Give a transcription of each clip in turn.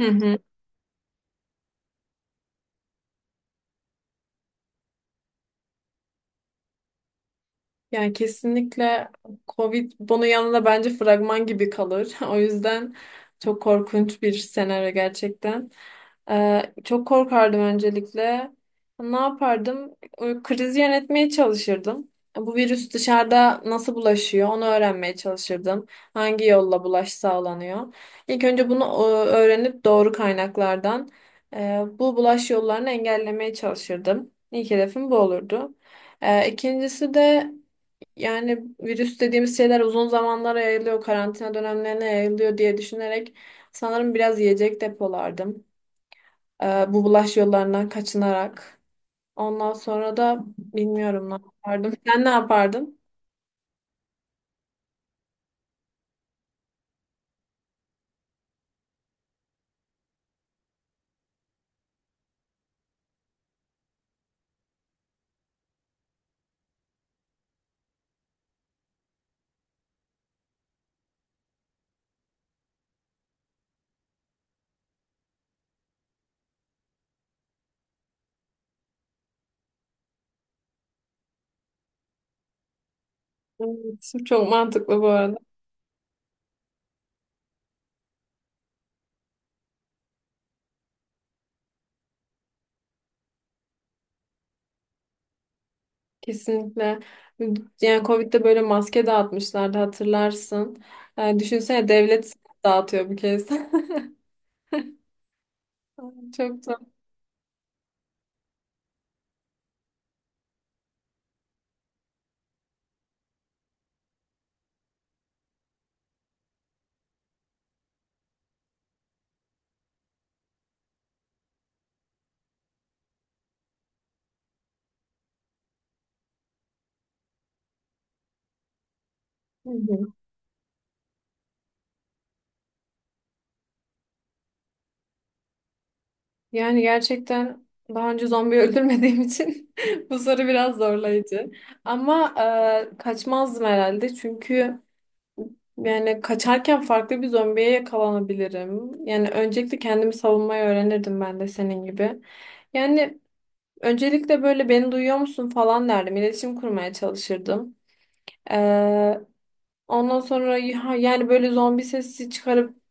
Hı hı. Yani kesinlikle Covid bunun yanında bence fragman gibi kalır. O yüzden çok korkunç bir senaryo gerçekten. Çok korkardım öncelikle. Ne yapardım? Krizi yönetmeye çalışırdım. Bu virüs dışarıda nasıl bulaşıyor onu öğrenmeye çalışırdım. Hangi yolla bulaş sağlanıyor? İlk önce bunu öğrenip doğru kaynaklardan bu bulaş yollarını engellemeye çalışırdım. İlk hedefim bu olurdu. İkincisi de yani virüs dediğimiz şeyler uzun zamanlara yayılıyor, karantina dönemlerine yayılıyor diye düşünerek sanırım biraz yiyecek depolardım. Bu bulaş yollarından kaçınarak. Ondan sonra da bilmiyorum ne yapardım. Sen ne yapardın? Evet, çok mantıklı bu arada. Kesinlikle. Yani Covid'de böyle maske dağıtmışlardı hatırlarsın. Düşünsene devlet dağıtıyor bu kez. Çok da. Yani gerçekten daha önce zombi öldürmediğim için bu soru biraz zorlayıcı. Ama kaçmazdım herhalde çünkü yani kaçarken farklı bir zombiye yakalanabilirim. Yani öncelikle kendimi savunmayı öğrenirdim ben de senin gibi. Yani öncelikle böyle beni duyuyor musun falan derdim. İletişim kurmaya çalışırdım. E, Ondan sonra yani böyle zombi sesi çıkarıp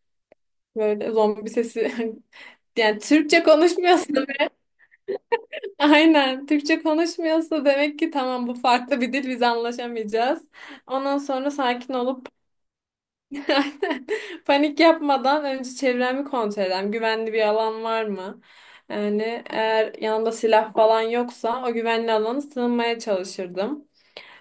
böyle zombi sesi. Yani Türkçe konuşmuyorsun. Aynen. Türkçe konuşmuyorsa demek ki tamam, bu farklı bir dil, biz anlaşamayacağız. Ondan sonra sakin olup aynen, panik yapmadan önce çevremi kontrol edelim. Güvenli bir alan var mı? Yani eğer yanımda silah falan yoksa o güvenli alana sığınmaya çalışırdım.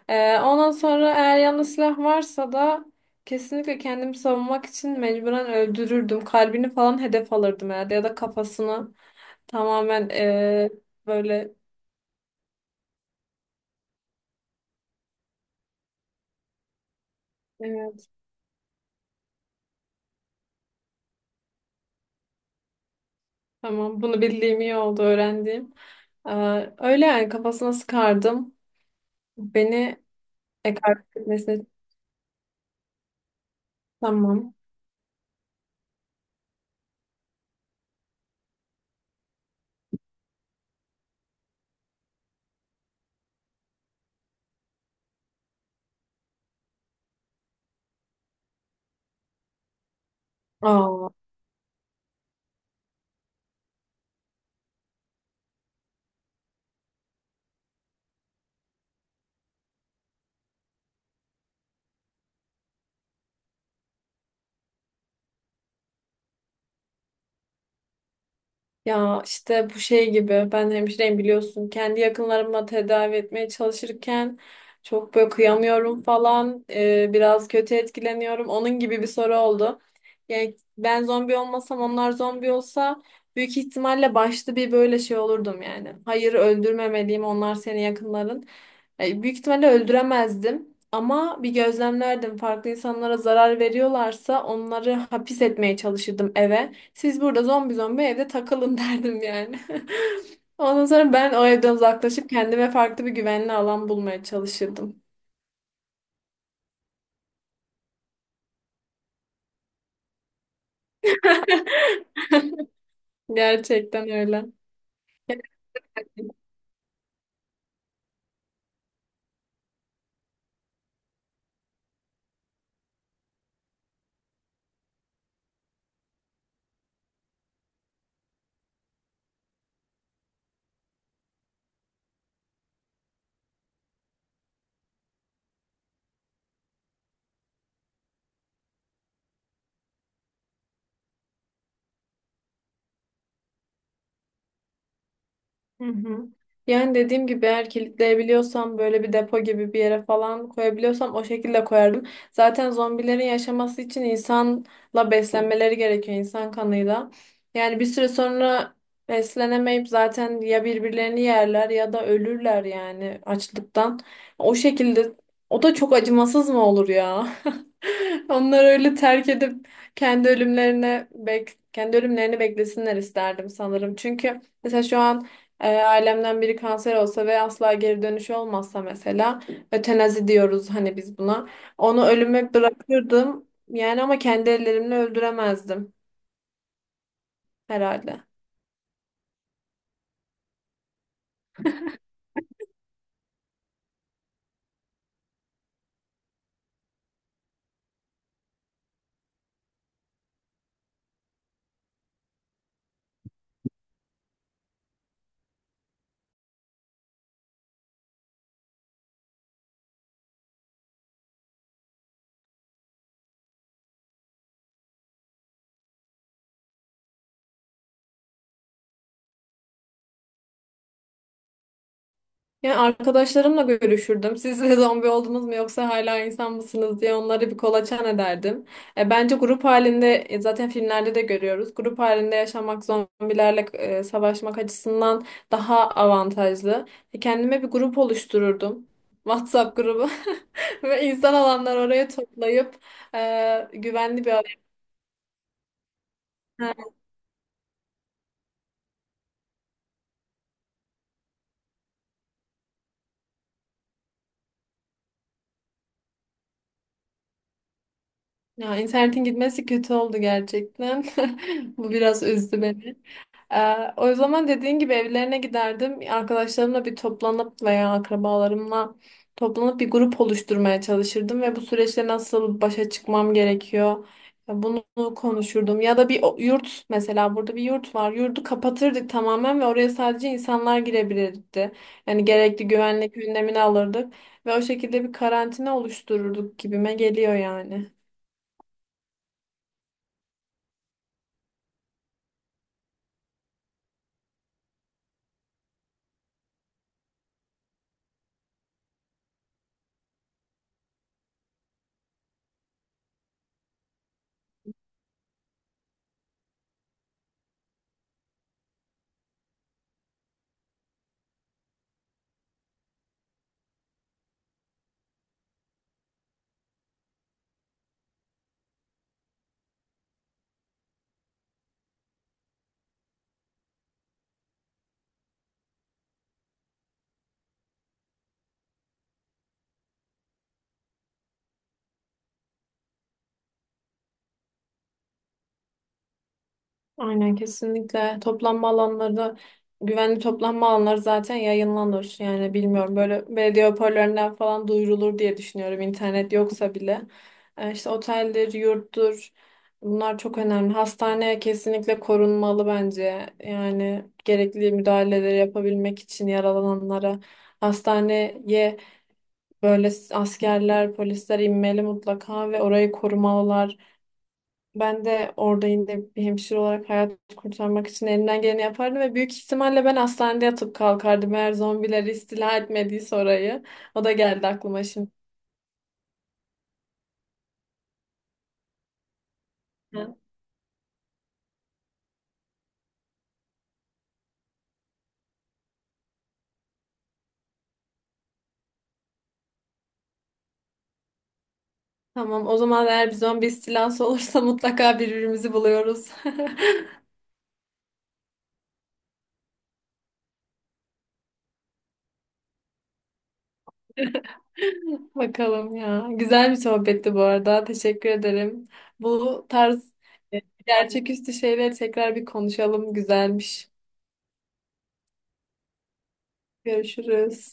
Ondan sonra eğer yanında silah varsa da kesinlikle kendimi savunmak için mecburen öldürürdüm. Kalbini falan hedef alırdım herhalde ya da kafasını tamamen böyle. Tamam, bunu bildiğim iyi oldu, öğrendiğim. Öyle yani kafasına sıkardım. Beni ekart etmesine tamam. Aa, ya işte bu şey gibi, ben hemşireyim biliyorsun. Kendi yakınlarıma tedavi etmeye çalışırken çok böyle kıyamıyorum falan. Biraz kötü etkileniyorum. Onun gibi bir soru oldu. Yani ben zombi olmasam onlar zombi olsa büyük ihtimalle başta bir böyle şey olurdum yani. Hayır, öldürmemeliyim, onlar senin yakınların. Büyük ihtimalle öldüremezdim ama bir gözlemlerdim. Farklı insanlara zarar veriyorlarsa onları hapis etmeye çalışırdım eve. Siz burada zombi zombi evde takılın derdim yani. Ondan sonra ben o evden uzaklaşıp kendime farklı bir güvenli alan bulmaya çalışırdım. Gerçekten öyle. Hı hı. Yani dediğim gibi eğer kilitleyebiliyorsam böyle bir depo gibi bir yere falan koyabiliyorsam o şekilde koyardım. Zaten zombilerin yaşaması için insanla beslenmeleri gerekiyor, insan kanıyla. Yani bir süre sonra beslenemeyip zaten ya birbirlerini yerler ya da ölürler yani açlıktan. O şekilde, o da çok acımasız mı olur ya? Onları öyle terk edip kendi ölümlerini beklesinler isterdim sanırım. Çünkü mesela şu an eğer ailemden biri kanser olsa ve asla geri dönüşü olmazsa mesela ötenazi diyoruz hani biz buna. Onu ölüme bırakırdım yani ama kendi ellerimle öldüremezdim herhalde. Yani arkadaşlarımla görüşürdüm. Siz de zombi oldunuz mu yoksa hala insan mısınız diye onları bir kolaçan ederdim. Bence grup halinde, zaten filmlerde de görüyoruz. Grup halinde yaşamak zombilerle savaşmak açısından daha avantajlı. Kendime bir grup oluştururdum. WhatsApp grubu ve insan olanlar oraya toplayıp güvenli bir araya. Ya internetin gitmesi kötü oldu gerçekten. Bu biraz üzdü beni. O zaman dediğin gibi evlerine giderdim. Arkadaşlarımla bir toplanıp veya akrabalarımla toplanıp bir grup oluşturmaya çalışırdım ve bu süreçte nasıl başa çıkmam gerekiyor, bunu konuşurdum. Ya da yurt, mesela burada bir yurt var. Yurdu kapatırdık tamamen ve oraya sadece insanlar girebilirdi. Yani gerekli güvenlik önlemini alırdık ve o şekilde bir karantina oluştururduk gibime geliyor yani. Aynen, kesinlikle. Toplanma alanları, güvenli toplanma alanları zaten yayınlanır. Yani bilmiyorum, böyle belediye hoparlörlerinden falan duyurulur diye düşünüyorum internet yoksa bile. İşte oteldir, yurttur, bunlar çok önemli. Hastane kesinlikle korunmalı bence. Yani gerekli müdahaleleri yapabilmek için yaralananlara. Hastaneye böyle askerler, polisler inmeli mutlaka ve orayı korumalılar. Ben de orada yine bir hemşire olarak hayat kurtarmak için elimden geleni yapardım ve büyük ihtimalle ben hastanede yatıp kalkardım eğer zombiler istila etmediyse orayı. O da geldi aklıma şimdi. Hı. Tamam, o zaman eğer bir zombi istilası olursa mutlaka birbirimizi buluyoruz. Bakalım ya. Güzel bir sohbetti bu arada. Teşekkür ederim. Bu tarz e, gerçeküstü şeyleri tekrar bir konuşalım. Güzelmiş. Görüşürüz.